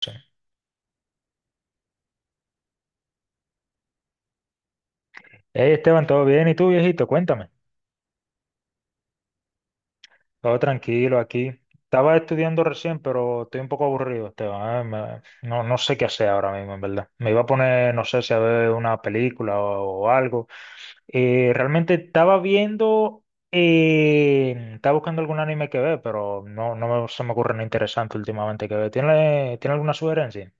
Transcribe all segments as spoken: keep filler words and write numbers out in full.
Sí. Hey Esteban, ¿todo bien? ¿Y tú, viejito? Cuéntame. Todo tranquilo aquí. Estaba estudiando recién, pero estoy un poco aburrido, Esteban. Ah, me- No, no sé qué hacer ahora mismo, en verdad. Me iba a poner, no sé si a ver una película o, o algo. Eh, realmente estaba viendo, eh, estaba buscando algún anime que ver, pero no, no me- se me ocurre nada interesante últimamente que ver. ¿Tiene, tiene alguna sugerencia?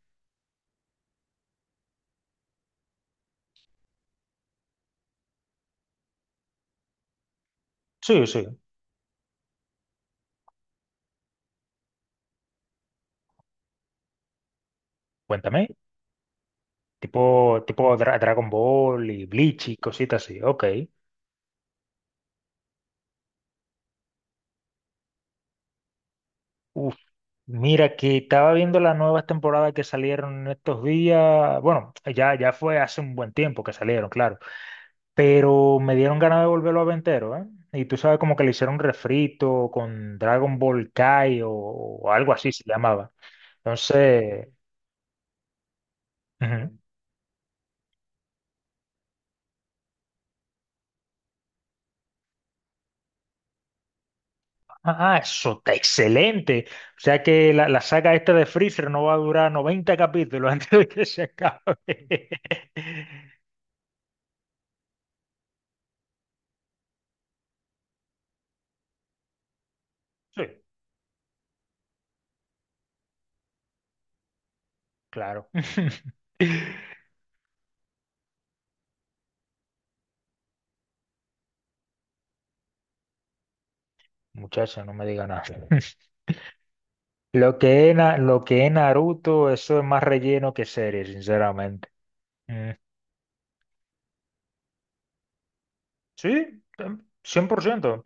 Sí, sí. Cuéntame. Tipo, tipo Dra- Dragon Ball y Bleach y cositas así. Ok. Mira, que estaba viendo las nuevas temporadas que salieron en estos días. Bueno, ya, ya fue hace un buen tiempo que salieron, claro. Pero me dieron ganas de volverlo a ver entero, ¿eh? Y tú sabes como que le hicieron un refrito con Dragon Ball Kai o, o algo así se llamaba. Entonces, ujú. Ah, eso está excelente. O sea que la, la saga esta de Freezer no va a durar noventa capítulos antes de que se acabe. Sí, claro. Muchacha, no me diga nada. Lo que es, Na- lo que es Naruto, eso es más relleno que serie, sinceramente. Mm, sí, tem- cien por ciento.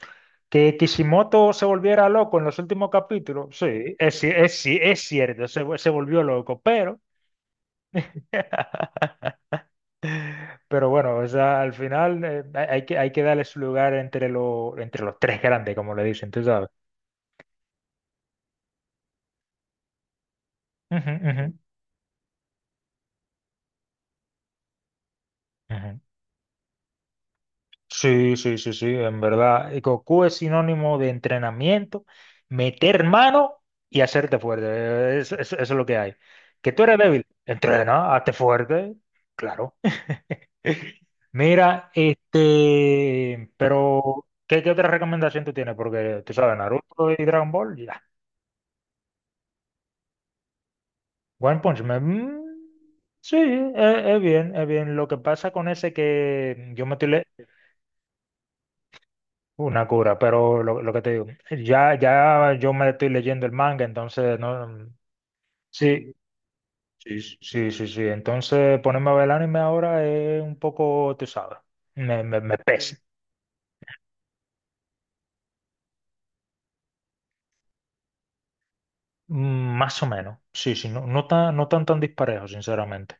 Que Kishimoto se volviera loco en los últimos capítulos, sí, es, ci- es, ci- es cierto, se, vu- se volvió loco, pero... Pero bueno, o sea, al final eh, hay hay que, hay que darle su lugar entre, lo, entre los tres grandes, como le dicen, tú sabes. Ujú, ujú, ujú. Sí, sí, sí, sí, en verdad. Y Goku es sinónimo de entrenamiento, meter mano y hacerte fuerte. Es- es- Eso, es lo que hay. Que tú eres débil, entrena, hazte fuerte. Claro. Mira, este, pero, ¿qué, qué otra recomendación tú tienes? Porque tú sabes, Naruto y Dragon Ball, ya. One Punch Man. Mm, sí, es, es bien, es bien. Lo que pasa con ese que yo me estoy, le- Una cura, pero lo, lo que te digo, ya, ya yo me estoy leyendo el manga, entonces no, sí, sí, sí, sí, sí. Entonces ponerme a ver el anime ahora es un poco, tú sabes, me, me, me pesa. Mm, más o menos. Sí, sí, no, no tan, no tan tan disparejo, sinceramente.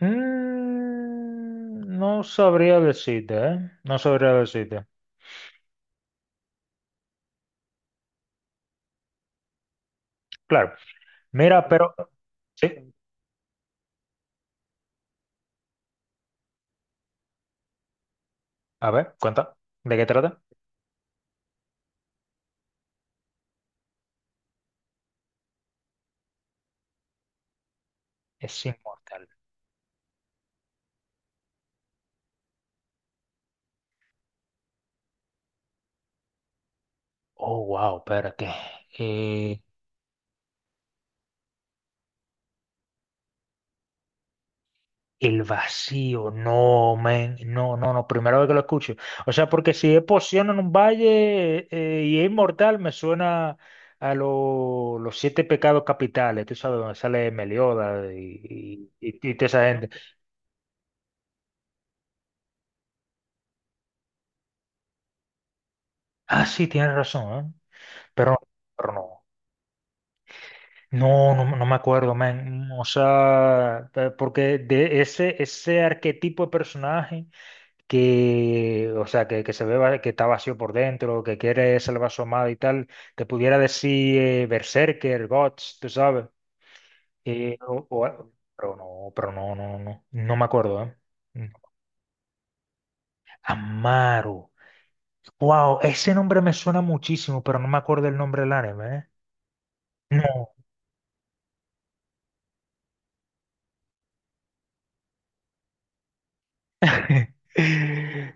Mm, no sabría decirte, ¿eh? No sabría decirte. Claro. Mira, pero. Sí, a ver, cuenta. ¿De qué trata? Es inmortal. Oh, wow, espérate. El vacío, no, men, no, no, no, primera vez que lo escucho. O sea, porque si es poción en un valle eh, y es inmortal, me suena a lo- los siete pecados capitales, tú sabes, donde sale Meliodas y, y, y- y toda esa gente. Ah, sí, tienes razón, ¿eh? Pero, no, pero no. No, no, no me acuerdo, men. O sea, pe- porque de ese, ese arquetipo de personaje. Que, o sea, que, que se ve va- que está vacío por dentro, que quiere ser vasomado y tal, te pudiera decir eh, Berserker, Guts, tú sabes, eh, o- o- pero no, pero no, no, no, no me acuerdo, ¿eh? Mm. Amaru. Wow, ese nombre me suena muchísimo, pero no me acuerdo el nombre del anime, ¿eh? No.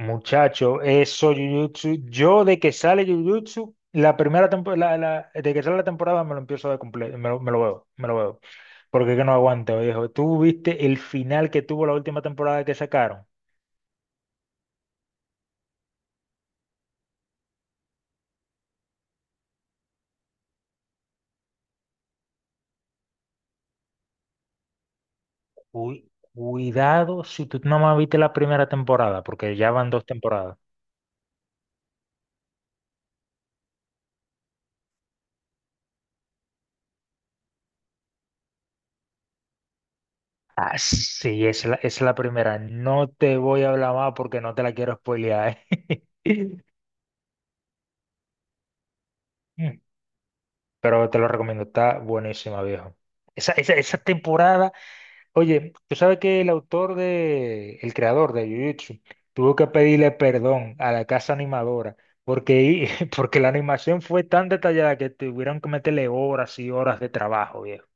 Muchacho, eso Jujutsu, yo de que sale Jujutsu, la primera temporada, de que sale la temporada me lo empiezo a ver completo, me lo, me lo veo, me lo veo. Porque es que no aguanto, viejo. ¿Tú viste el final que tuvo la última temporada que sacaron? Uy, cuidado si tú no más viste la primera temporada, porque ya van dos temporadas. Ah, sí, es la, es la primera. No te voy a hablar más porque no te la quiero spoilear. Pero te lo recomiendo, está buenísima, viejo. Esa, esa, esa temporada. Oye, tú sabes que el autor de, el creador de Jujutsu tuvo que pedirle perdón a la casa animadora porque, i- porque la animación fue tan detallada que tuvieron que meterle horas y horas de trabajo, viejo.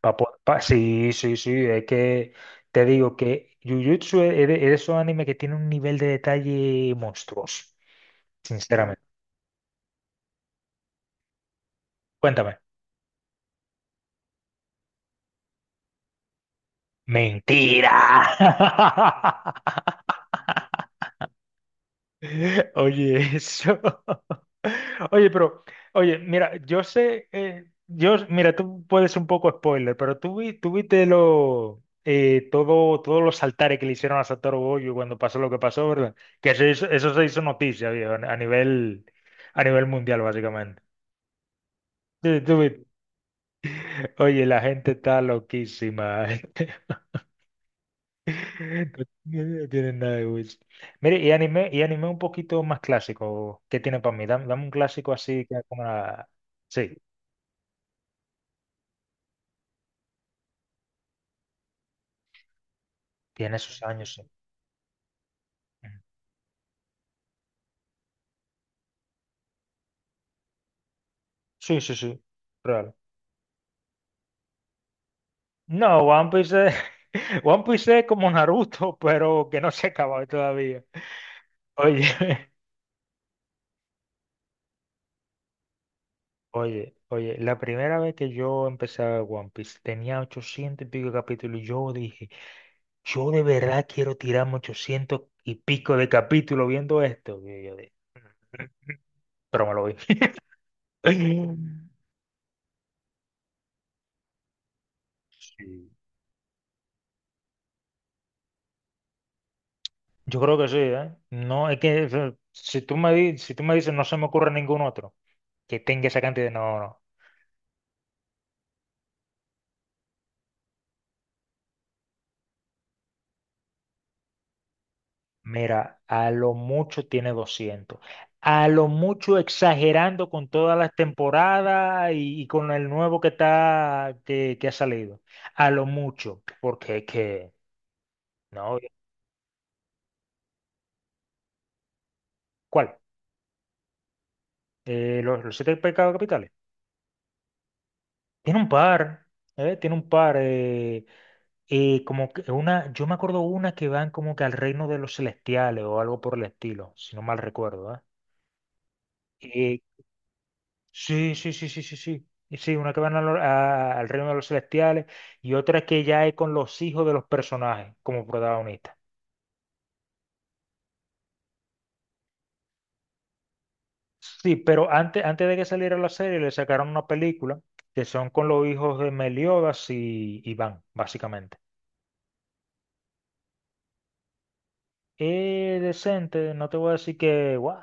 Pa po- pa- sí, sí, sí, es que te digo que Jujutsu es es de, es de esos animes que tiene un nivel de detalle monstruoso, sinceramente. Cuéntame. Mentira. Oye, eso. Oye, pero, oye, mira, yo sé, eh, yo, mira, tú puedes un poco spoiler, pero tú, vi- tú viste lo, eh, todo, todos los altares que le hicieron a Satoru Gojo cuando pasó lo que pasó, ¿verdad? Que eso, hizo- eso se hizo noticia, viejo, a nivel, a nivel mundial, básicamente. Sí, tú viste. Oye, la gente está loquísima. No tienen nada de Wish. Mire, y anime, y anime un poquito más clásico. ¿Qué tiene para mí? Dame, dame un clásico así que como la... Sí, tiene sus años, sí. Ujú. Sí, sí, sí. Real. No, One Piece es... One Piece es como Naruto, pero que no se acaba todavía. Oye, oye, oye, la primera vez que yo empecé a ver One Piece tenía ochocientos y pico de capítulos y yo dije, yo de verdad quiero tirarme ochocientos y pico de capítulos viendo esto. Y yo dije, pero me lo vi. Sí. Yo creo que sí, ¿eh? No, es que eh, si tú me, di- si tú me dices no se me ocurre ningún otro que tenga esa cantidad, no, no. Mira, a lo mucho tiene doscientos. A lo mucho exagerando con todas las temporadas y, y con el nuevo que está que, que ha salido. A lo mucho, porque es que, no, ¿cuál? Eh, los, los siete pecados capitales. Tiene un par, ¿eh? Tiene un par. Eh, Eh, como que una, yo me acuerdo una que van como que al reino de los celestiales o algo por el estilo, si no mal recuerdo, ¿eh? Eh, sí, sí, sí, sí, sí, sí. Y sí, una que van a lo- a- al reino de los celestiales y otra que ya es con los hijos de los personajes como protagonistas. Sí, pero antes, antes de que saliera la serie le sacaron una película que son con los hijos de Meliodas y Iván, básicamente. Es decente, no te voy a decir que guau,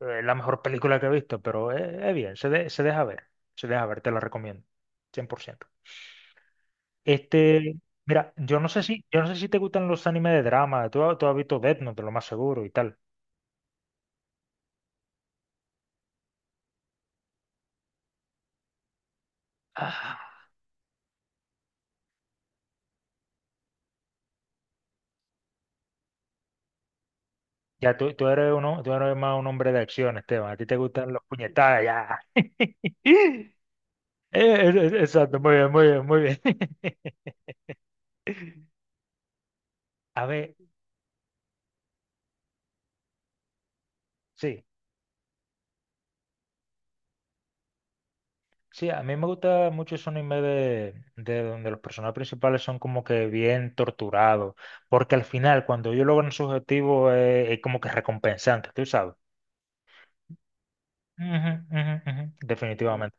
es la mejor película que he visto, pero es, es bien, se, de- se deja ver, se deja ver, te la recomiendo, cien por ciento. Este, mira, yo no sé si, yo no sé si te gustan los animes de drama, tú, ha- tú has visto Death Note, lo más seguro y tal. Ah, ya tú, tú eres uno, tú eres más un hombre de acción, Esteban, a ti te gustan los puñetazos, ya. Eh, eh, eh, Exacto, muy bien, muy bien, muy bien. A ver, sí. Sí, a mí me gusta mucho ese anime de, de donde los personajes principales son como que bien torturados, porque al final cuando ellos logran su objetivo eh, es como que recompensante, tú sabes. Ujú, ujú, ujú, mm. Definitivamente.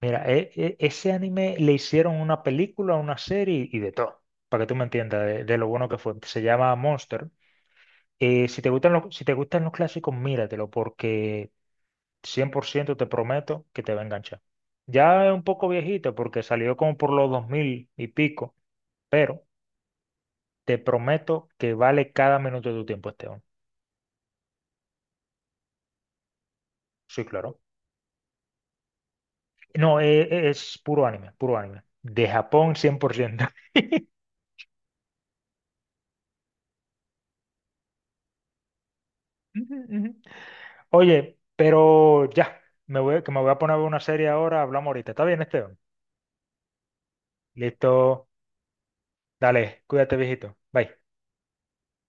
Mira, e- e- ese anime le hicieron una película, una serie y de todo, para que tú me entiendas de, de lo bueno que fue. Se llama Monster. Eh, si te gustan los, si te gustan los clásicos, míratelo, porque cien por ciento te prometo que te va a enganchar. Ya es un poco viejito porque salió como por los dos mil y pico, pero te prometo que vale cada minuto de tu tiempo, Esteban, hombre. Sí, claro. No, eh, eh, es puro anime, puro anime. De Japón cien por ciento. Ujú, ujú. Oye, pero ya, me voy, que me voy a poner a ver una serie ahora, hablamos ahorita. ¿Está bien, Esteban? Listo. Dale, cuídate, viejito. Bye.